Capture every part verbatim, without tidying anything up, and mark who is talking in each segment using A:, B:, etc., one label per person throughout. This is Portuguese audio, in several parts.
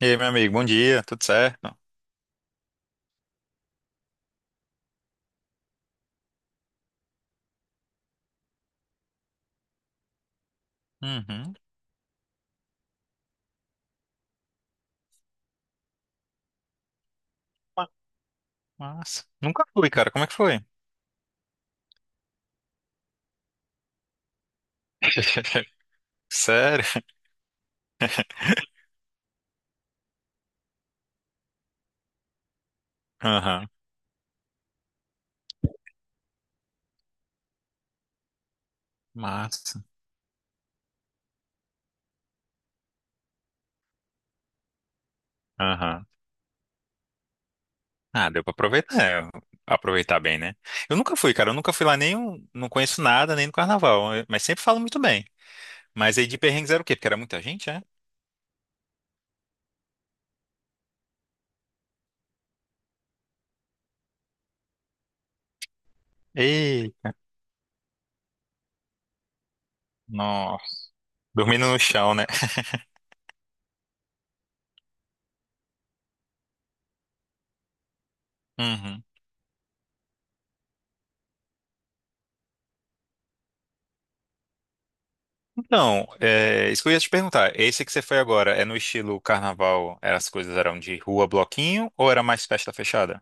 A: E aí, meu amigo, bom dia, tudo certo? Uhum. Ma- Massa. Nunca fui, cara, como é que foi? Sério? Aham. Massa. Aham. Ah, deu pra aproveitar, é, aproveitar bem, né? Eu nunca fui, cara, eu nunca fui lá nem, um- não conheço nada, nem no carnaval, eu- mas sempre falo muito bem. Mas aí de perrengues era o quê? Porque era muita gente, é? Ei, nossa. Dormindo no chão, né? Uhum. Então, é, isso que eu ia te perguntar, esse que você foi agora, é no estilo carnaval, as coisas eram de rua, bloquinho, ou era mais festa fechada?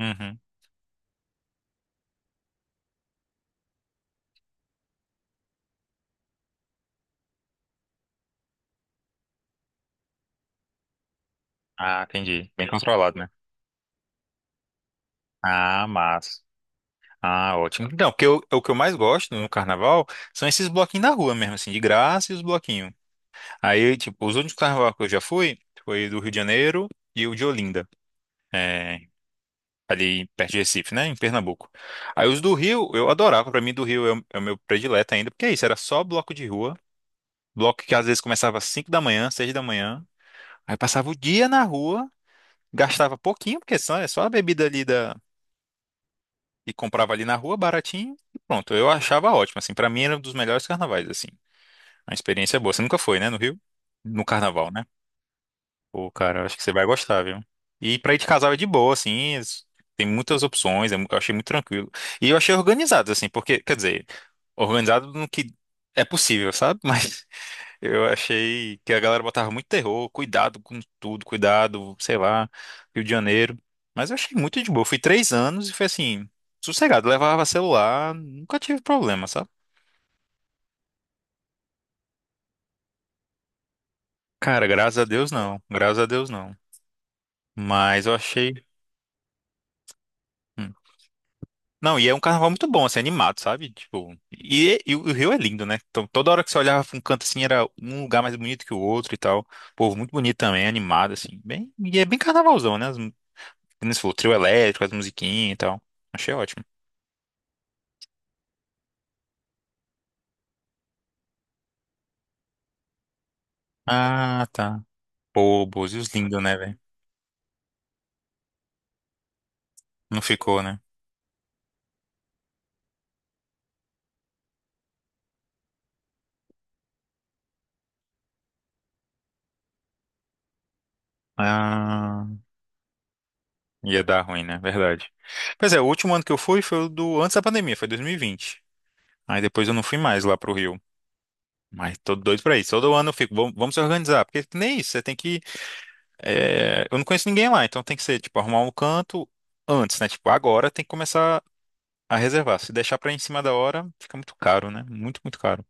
A: Uhum. Ah, entendi. Bem controlado, né? Ah, massa. Ah, ótimo. Então, porque eu- o que eu mais gosto no carnaval são esses bloquinhos na rua mesmo, assim, de graça e os bloquinhos. Aí, tipo, os únicos carnaval que eu já fui foi do Rio de Janeiro e o de Olinda, é, ali perto de Recife, né, em Pernambuco. Aí os do Rio, eu adorava, pra mim do Rio é o, é o meu predileto ainda, porque é isso, era só bloco de rua, bloco que às vezes começava às cinco da manhã, seis da manhã, aí passava o dia na rua, gastava pouquinho, porque só, é só a bebida ali e comprava ali na rua, baratinho, e pronto. Eu achava ótimo, assim, pra mim era um dos melhores carnavais, assim. Uma experiência boa. Você nunca foi, né, no Rio? No carnaval, né? Pô, cara, eu acho que você vai gostar, viu? E pra ir de casal é de boa, assim, es- tem muitas opções, é mu- eu achei muito tranquilo. E eu achei organizado, assim, porque, quer dizer, organizado no que é possível, sabe? Mas eu achei que a galera botava muito terror, cuidado com tudo, cuidado, sei lá, Rio de Janeiro. Mas eu achei muito de boa. Eu fui três anos e foi assim, sossegado, levava celular, nunca tive problema, sabe? Cara, graças a Deus não, graças a Deus não. Mas eu achei. Hum. Não, e é um carnaval muito bom, assim, animado, sabe? Tipo, e, e o Rio é lindo, né? Então, toda hora que você olhava pra um canto assim, era um lugar mais bonito que o outro e tal. Povo muito bonito também, animado, assim. Bem, e é bem carnavalzão, né? Como você falou, trio elétrico, as musiquinhas e tal. Achei ótimo. Ah, tá. Pô, Búzios lindo, né, velho? Não ficou, né? Ah, ia dar ruim, né? Verdade. Pois é, o último ano que eu fui foi o do antes da pandemia, foi dois mil e vinte. Aí depois eu não fui mais lá pro Rio. Mas tô doido pra isso. Todo ano eu fico, vamos, vamos se organizar. Porque que nem isso, você tem que. É, eu não conheço ninguém lá, então tem que ser, tipo, arrumar um canto antes, né? Tipo, agora tem que começar a reservar. Se deixar pra em cima da hora, fica muito caro, né? Muito, muito caro.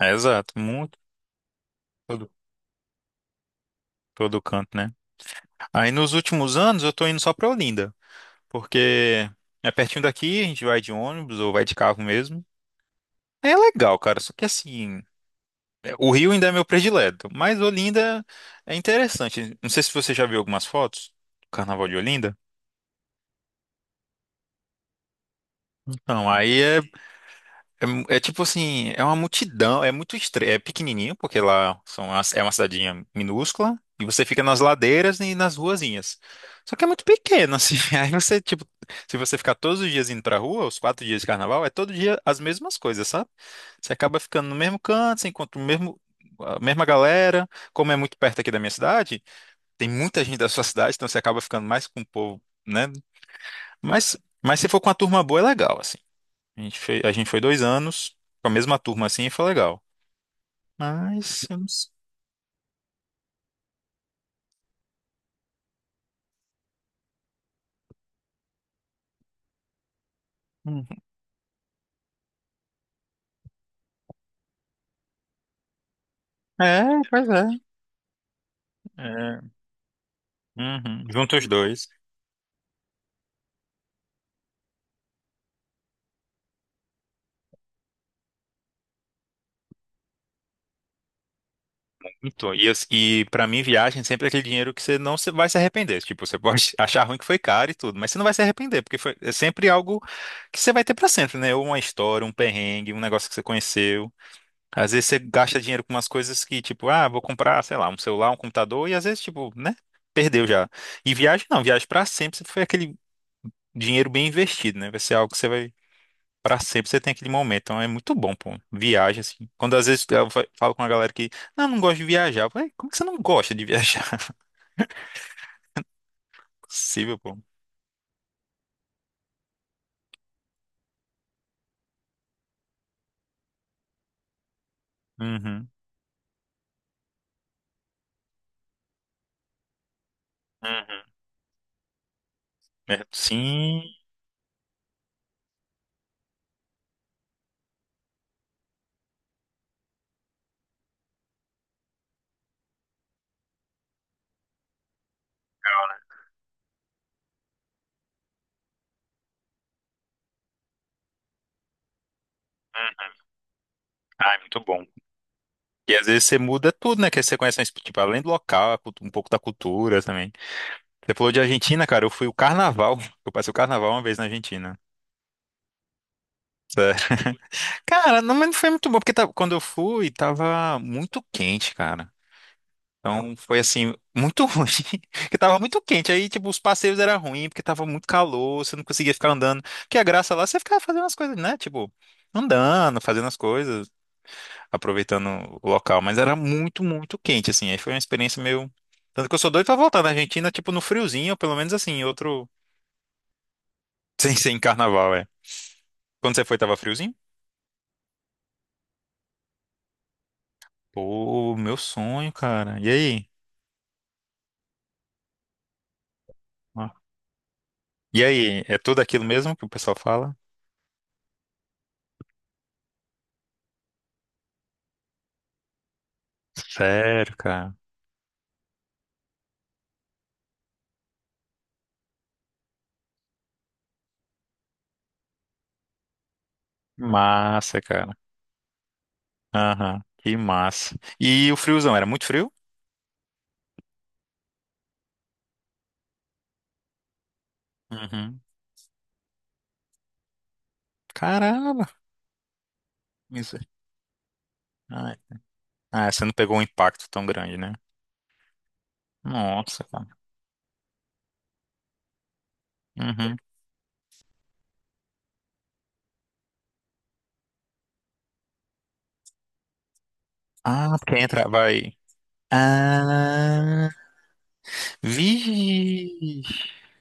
A: É, exato, muito. Todo canto, né? Aí nos últimos anos eu tô indo só pra Olinda, porque é pertinho daqui, a gente vai de ônibus ou vai de carro mesmo. É legal, cara, só que assim, é, o Rio ainda é meu predileto, mas Olinda é interessante. Não sei se você já viu algumas fotos do Carnaval de Olinda. Então, aí é É, mu- é tipo assim, é uma multidão, é muito estranho, é pequenininho, porque lá são as- é uma cidadinha minúscula, e você fica nas ladeiras e nas ruazinhas. Só que é muito pequeno, assim, aí você, tipo, se você ficar todos os dias indo pra rua, os quatro dias de carnaval, é todo dia as mesmas coisas, sabe? Você acaba ficando no mesmo canto, você encontra o mesmo, a mesma galera, como é muito perto aqui da minha cidade, tem muita gente da sua cidade, então você acaba ficando mais com o povo, né? Mas, mas se for com a turma boa, é legal, assim. A gente foi, a gente foi dois anos com a mesma turma assim e foi legal. Mas eu não sei. Uhum. É, pois é. É. Uhum. Junta os dois. Então, e, eu- e para mim, viagem sempre é aquele dinheiro que você não se- vai se arrepender. Tipo, você pode achar ruim que foi caro e tudo, mas você não vai se arrepender, porque foi, é sempre algo que você vai ter pra sempre, né? Ou uma história, um perrengue, um negócio que você conheceu. Às vezes você gasta dinheiro com umas coisas que, tipo, ah, vou comprar, sei lá, um celular, um computador, e às vezes, tipo, né? Perdeu já. E viagem não, viagem pra sempre. Foi aquele dinheiro bem investido, né? Vai ser algo que você vai pra sempre, você tem aquele momento. Então é muito bom, pô. Viagem, assim. Quando às vezes eu fa- falo com a galera que, não, não gosto de viajar. Eu falei, como que você não gosta de viajar? Não é possível, pô. Uhum. Uhum. É, sim. Legal, né? Uhum. Ah, é muito bom. E às vezes você muda tudo, né? Que você conhece, mas, tipo, além do local, a cultu- um pouco da cultura também. Você falou de Argentina, cara. Eu fui o carnaval. Eu passei o carnaval uma vez na Argentina. Sério. Cara, não, mas não foi muito bom, porque tava- quando eu fui, tava muito quente, cara. Então foi assim, muito ruim, porque tava muito quente. Aí, tipo, os passeios eram ruins, porque tava muito calor, você não conseguia ficar andando. Porque a graça lá, você ficava fazendo as coisas, né? Tipo, andando, fazendo as coisas, aproveitando o local. Mas era muito, muito quente, assim. Aí foi uma experiência meio. Tanto que eu sou doido pra voltar na Argentina, tipo, no friozinho, ou pelo menos assim, em outro. Sem ser em carnaval, é. Quando você foi, tava friozinho? Pô, meu sonho, cara. E aí? Ó. E aí, é tudo aquilo mesmo que o pessoal fala? Sério, cara. Massa, cara. Aham, que massa. E o friozão, era muito frio? Uhum. Caramba, isso. Ai. Ah, você não pegou um impacto tão grande, né? Nossa, cara. Uhum. Ah, porque entra, vai. Ah, vixe.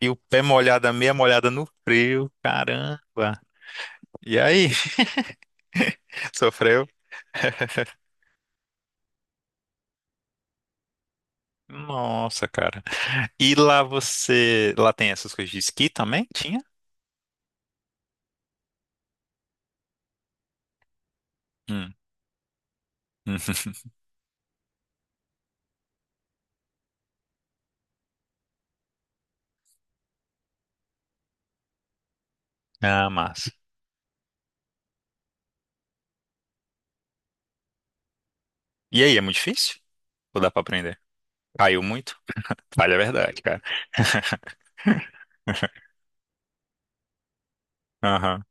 A: E o pé molhado, a meia molhada no frio, caramba. E aí, sofreu? Nossa, cara. E lá você, lá tem essas coisas de esqui também? Tinha? Hum. Ah, massa. E aí, é muito difícil? Ou dá pra aprender? Caiu muito? Falha a verdade, cara. Aham.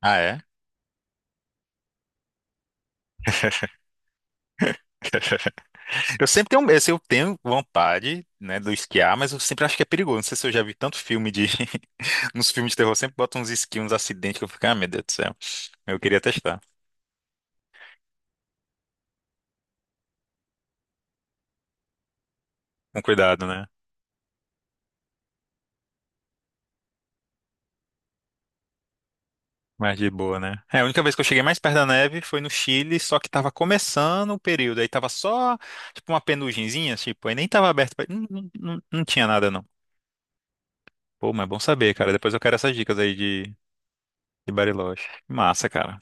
A: Ah, é? Eu sempre tenho, eu sempre tenho vontade, né, do esquiar, mas eu sempre acho que é perigoso. Não sei se eu já vi tanto filme de. Nos filmes de terror sempre botam uns esquios, uns acidentes que eu fico, ah, meu Deus do céu. Eu queria testar. Com cuidado, né? Mas de boa, né? É, a única vez que eu cheguei mais perto da neve foi no Chile, só que tava começando o período. Aí tava só, tipo, uma penugenzinha, tipo, aí nem tava aberto. pra- Não, não, não não tinha nada, pô, mas é bom saber, cara. Depois eu quero essas dicas aí de, de, Bariloche. Massa, cara.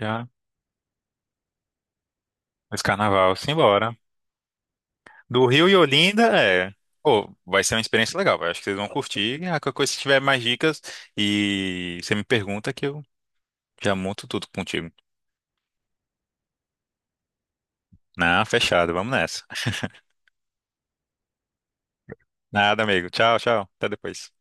A: Já. Esse carnaval, simbora. Do Rio e Olinda, é. Pô, vai ser uma experiência legal, vai. Acho que vocês vão curtir. Ah, qualquer coisa, se tiver mais dicas e você me pergunta que eu já monto tudo contigo. Não, fechado. Vamos nessa. Nada, amigo. Tchau, tchau. Até depois.